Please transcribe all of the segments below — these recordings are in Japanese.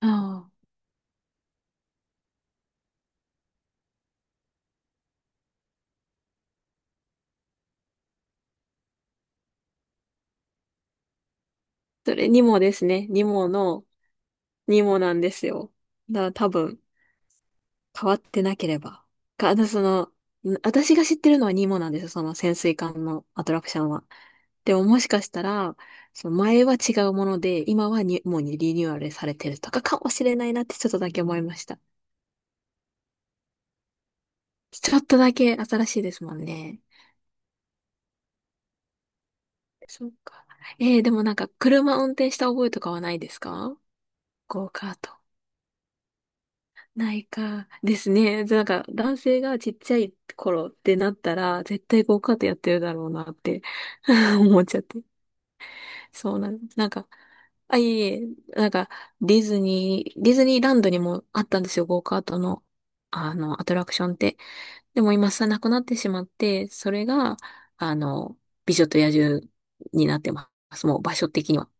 ああ。それニモですね。ニモの、ニモなんですよ。だから多分、変わってなければ。か、あの、その、ん私が知ってるのはニモなんですよ。その潜水艦のアトラクションは。でももしかしたら、その前は違うもので、今はニモにリニューアルされてるとかかもしれないなってちょっとだけ思いました。ちょっとだけ新しいですもんね。そうか。でもなんか車運転した覚えとかはないですか？ゴーカート。ないか。ですね。なんか、男性がちっちゃい頃ってなったら、絶対ゴーカートやってるだろうなって 思っちゃって。そうなの。あ、いえいえ、なんか、ディズニーランドにもあったんですよ、ゴーカートの、アトラクションって。でも今さ、なくなってしまって、それが、あの、美女と野獣になってます。もう場所的には。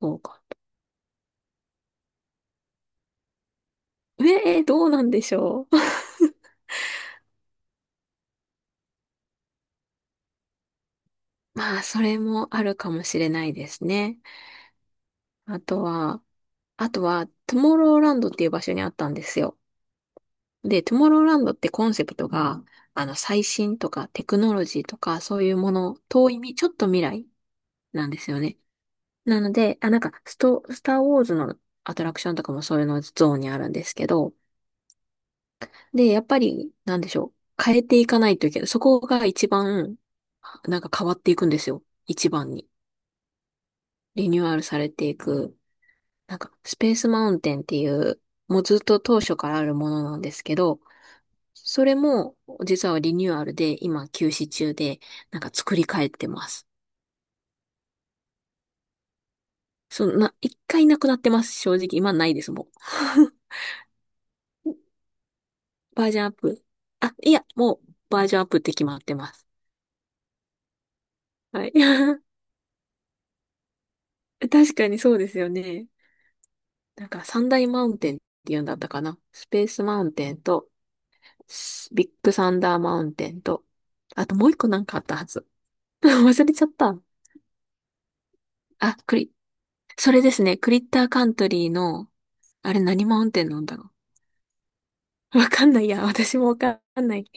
ゴーカート。どうなんでしょう。まあ、それもあるかもしれないですね。あとは、あとは、トゥモローランドっていう場所にあったんですよ。で、トゥモローランドってコンセプトが、最新とかテクノロジーとか、そういうもの、遠いみ、ちょっと未来なんですよね。なので、あ、なんか、スターウォーズのアトラクションとかもそういうのゾーンにあるんですけど、で、やっぱり、なんでしょう。変えていかないといけない。そこが一番、なんか変わっていくんですよ。一番に。リニューアルされていく。なんか、スペースマウンテンっていう、もうずっと当初からあるものなんですけど、それも実はリニューアルで今休止中で、なんか作り変えてます。そんな、一回なくなってます。正直、今ないです、もう。バージョンアップ。あ、いや、もうバージョンアップって決まってます。はい。確かにそうですよね。なんか三大マウンテンって言うんだったかな。スペースマウンテンと、ビッグサンダーマウンテンと、あともう一個なんかあったはず。忘れちゃった。あ、クリ、それですね。クリッターカントリーの、あれ何マウンテンなんだろう。わかんない。私もわかんない。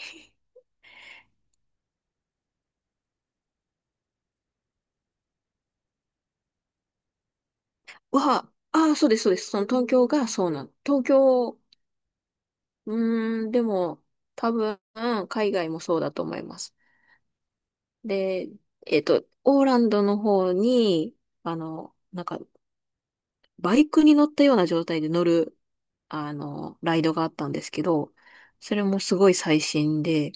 ああ、そうです、そうです。その東京がそうなの。東京、でも、多分、海外もそうだと思います。で、えっと、オーランドの方に、なんか、バイクに乗ったような状態で乗る、ライドがあったんですけど、それもすごい最新で、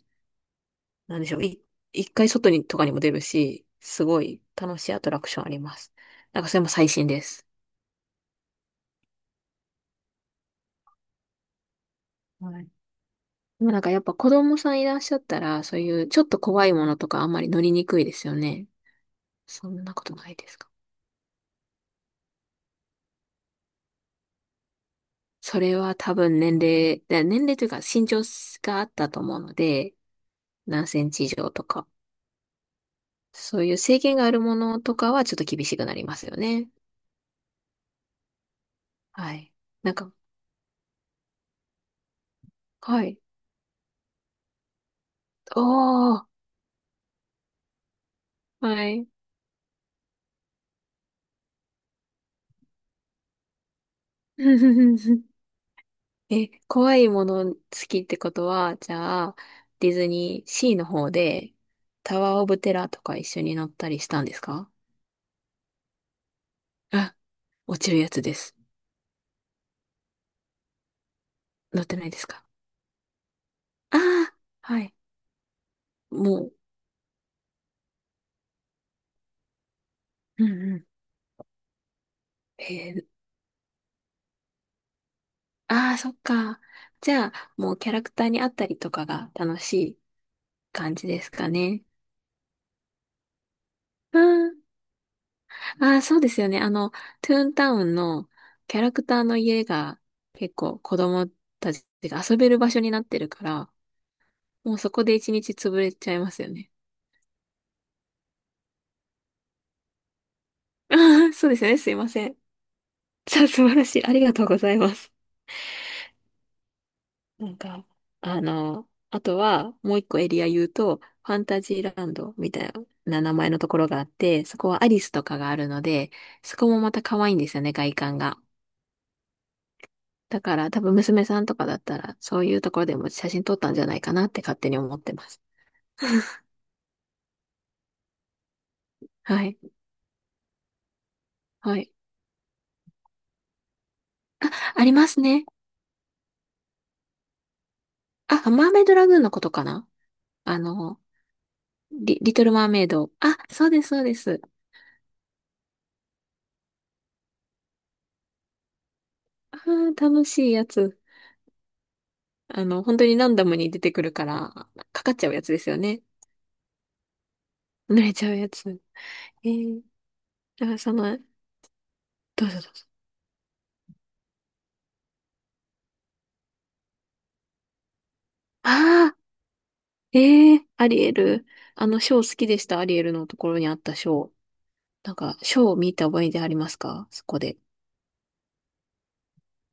なんでしょう。一回外にとかにも出るし、すごい楽しいアトラクションあります。なんかそれも最新です。はい。でもなんかやっぱ子供さんいらっしゃったら、そういうちょっと怖いものとかあんまり乗りにくいですよね。そんなことないですか？それは多分年齢というか身長があったと思うので、何センチ以上とか、そういう制限があるものとかはちょっと厳しくなりますよね。はい。なんか、はい。おー、はい。え、怖いもの好きってことは、じゃあ、ディズニーシーの方で、タワーオブテラーとか一緒に乗ったりしたんですか？あ、落ちるやつです。乗ってないですか？ああー、はい。もう、うんうん。えー、ああ、そっか。じゃあ、もうキャラクターに会ったりとかが楽しい感じですかね。うん。ああ、そうですよね。あの、トゥーンタウンのキャラクターの家が結構子供たちが遊べる場所になってるから、もうそこで一日潰れちゃいますよね。ああ、そうですよね。すいません。さあ、素晴らしい。ありがとうございます。なんか、あの、あとはもう一個エリア言うと、ファンタジーランドみたいな名前のところがあって、そこはアリスとかがあるので、そこもまた可愛いんですよね、外観が。だから多分娘さんとかだったら、そういうところでも写真撮ったんじゃないかなって勝手に思ってます。はい。はい。ありますね。あ、マーメイドラグーンのことかな？あの、リ、リトル・マーメイド。あ、そうです、そうです。あー、楽しいやつ。あの、本当にランダムに出てくるから、かかっちゃうやつですよね。濡れちゃうやつ。えー、だからその、どうぞどうぞ。ああ、ええアリエル。あの、ショー好きでした、アリエルのところにあったショー。なんか、ショーを見た覚えでありますか？そこで。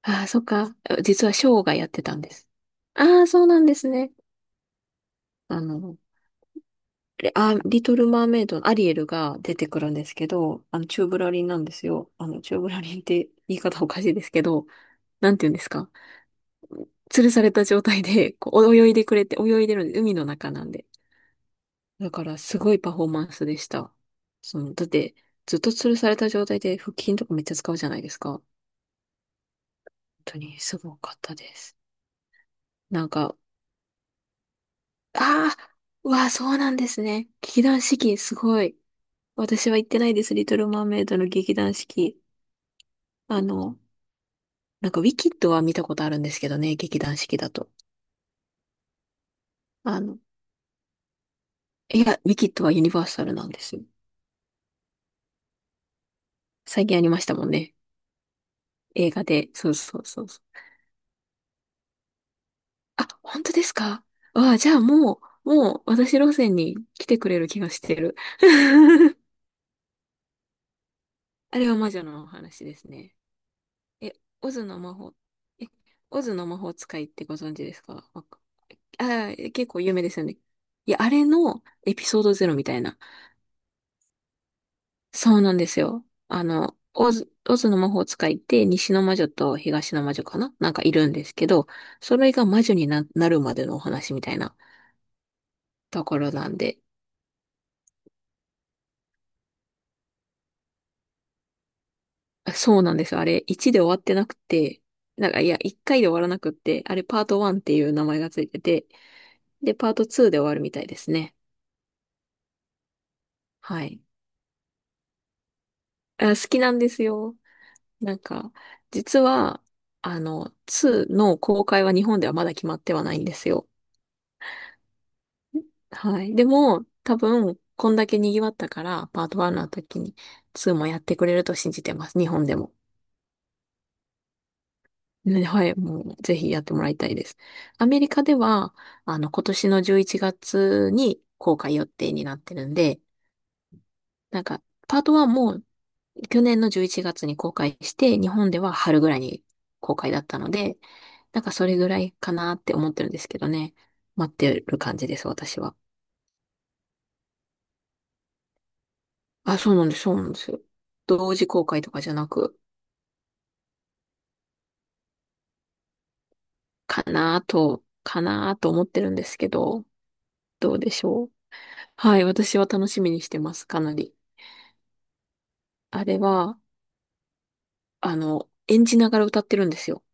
ああ、そっか。実はショーがやってたんです。ああ、そうなんですね。あの、リトル・マーメイドのアリエルが出てくるんですけど、チューブラリンなんですよ。あの、チューブラリンって言い方おかしいですけど、なんて言うんですか。吊るされた状態で、こう、泳いでくれて、泳いでるんで、海の中なんで。だから、すごいパフォーマンスでした。その、だって、ずっと吊るされた状態で腹筋とかめっちゃ使うじゃないですか。本当にすごかったです。なんか、ああ、うわあ、そうなんですね。劇団四季、すごい。私は行ってないです。リトルマーメイドの劇団四季。あの、なんかウィキッドは見たことあるんですけどね、劇団四季だと。あの、いや、ウィキッドはユニバーサルなんですよ。最近ありましたもんね。映画で。そうそうそうそう。あ、本当ですか？わあ、じゃあもう私路線に来てくれる気がしてる。あれは魔女のお話ですね。え、オズの魔法、え、オズの魔法使いってご存知ですか？わああ、結構有名ですよね。いや、あれのエピソードゼロみたいな。そうなんですよ。あの、オズの魔法使いって西の魔女と東の魔女かななんかいるんですけど、それが魔女にな、なるまでのお話みたいなところなんで。あ、そうなんですよ。あれ1で終わってなくて、1回で終わらなくって、あれパート1っていう名前がついてて、で、パート2で終わるみたいですね。はい。あ、好きなんですよ。なんか、実は、あの、2の公開は日本ではまだ決まってはないんですよ。はい。でも、多分、こんだけ賑わったから、パート1の時に2もやってくれると信じてます。日本でも。ね。はい、もう、ぜひやってもらいたいです。アメリカでは、あの、今年の11月に公開予定になってるんで、なんか、パート1も去年の11月に公開して、日本では春ぐらいに公開だったので、なんかそれぐらいかなって思ってるんですけどね。待ってる感じです、私は。あ、そうなんです、そうなんですよ。同時公開とかじゃなく、かなと思ってるんですけど、どうでしょう。はい、私は楽しみにしてます、かなり。あれは、あの、演じながら歌ってるんですよ。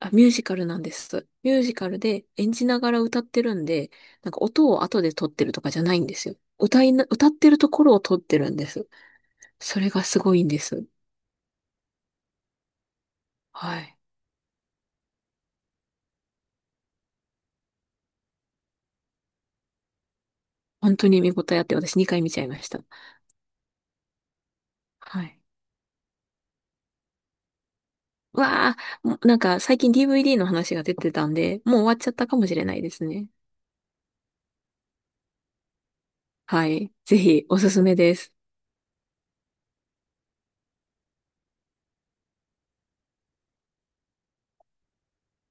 あ、ミュージカルなんです。ミュージカルで演じながら歌ってるんで、なんか音を後で撮ってるとかじゃないんですよ。歌いな、歌ってるところを撮ってるんです。それがすごいんです。はい。本当に見応えあって、私2回見ちゃいました。はい。うわー、もうなんか最近 DVD の話が出てたんで、もう終わっちゃったかもしれないですね。はい。ぜひ、おすすめです。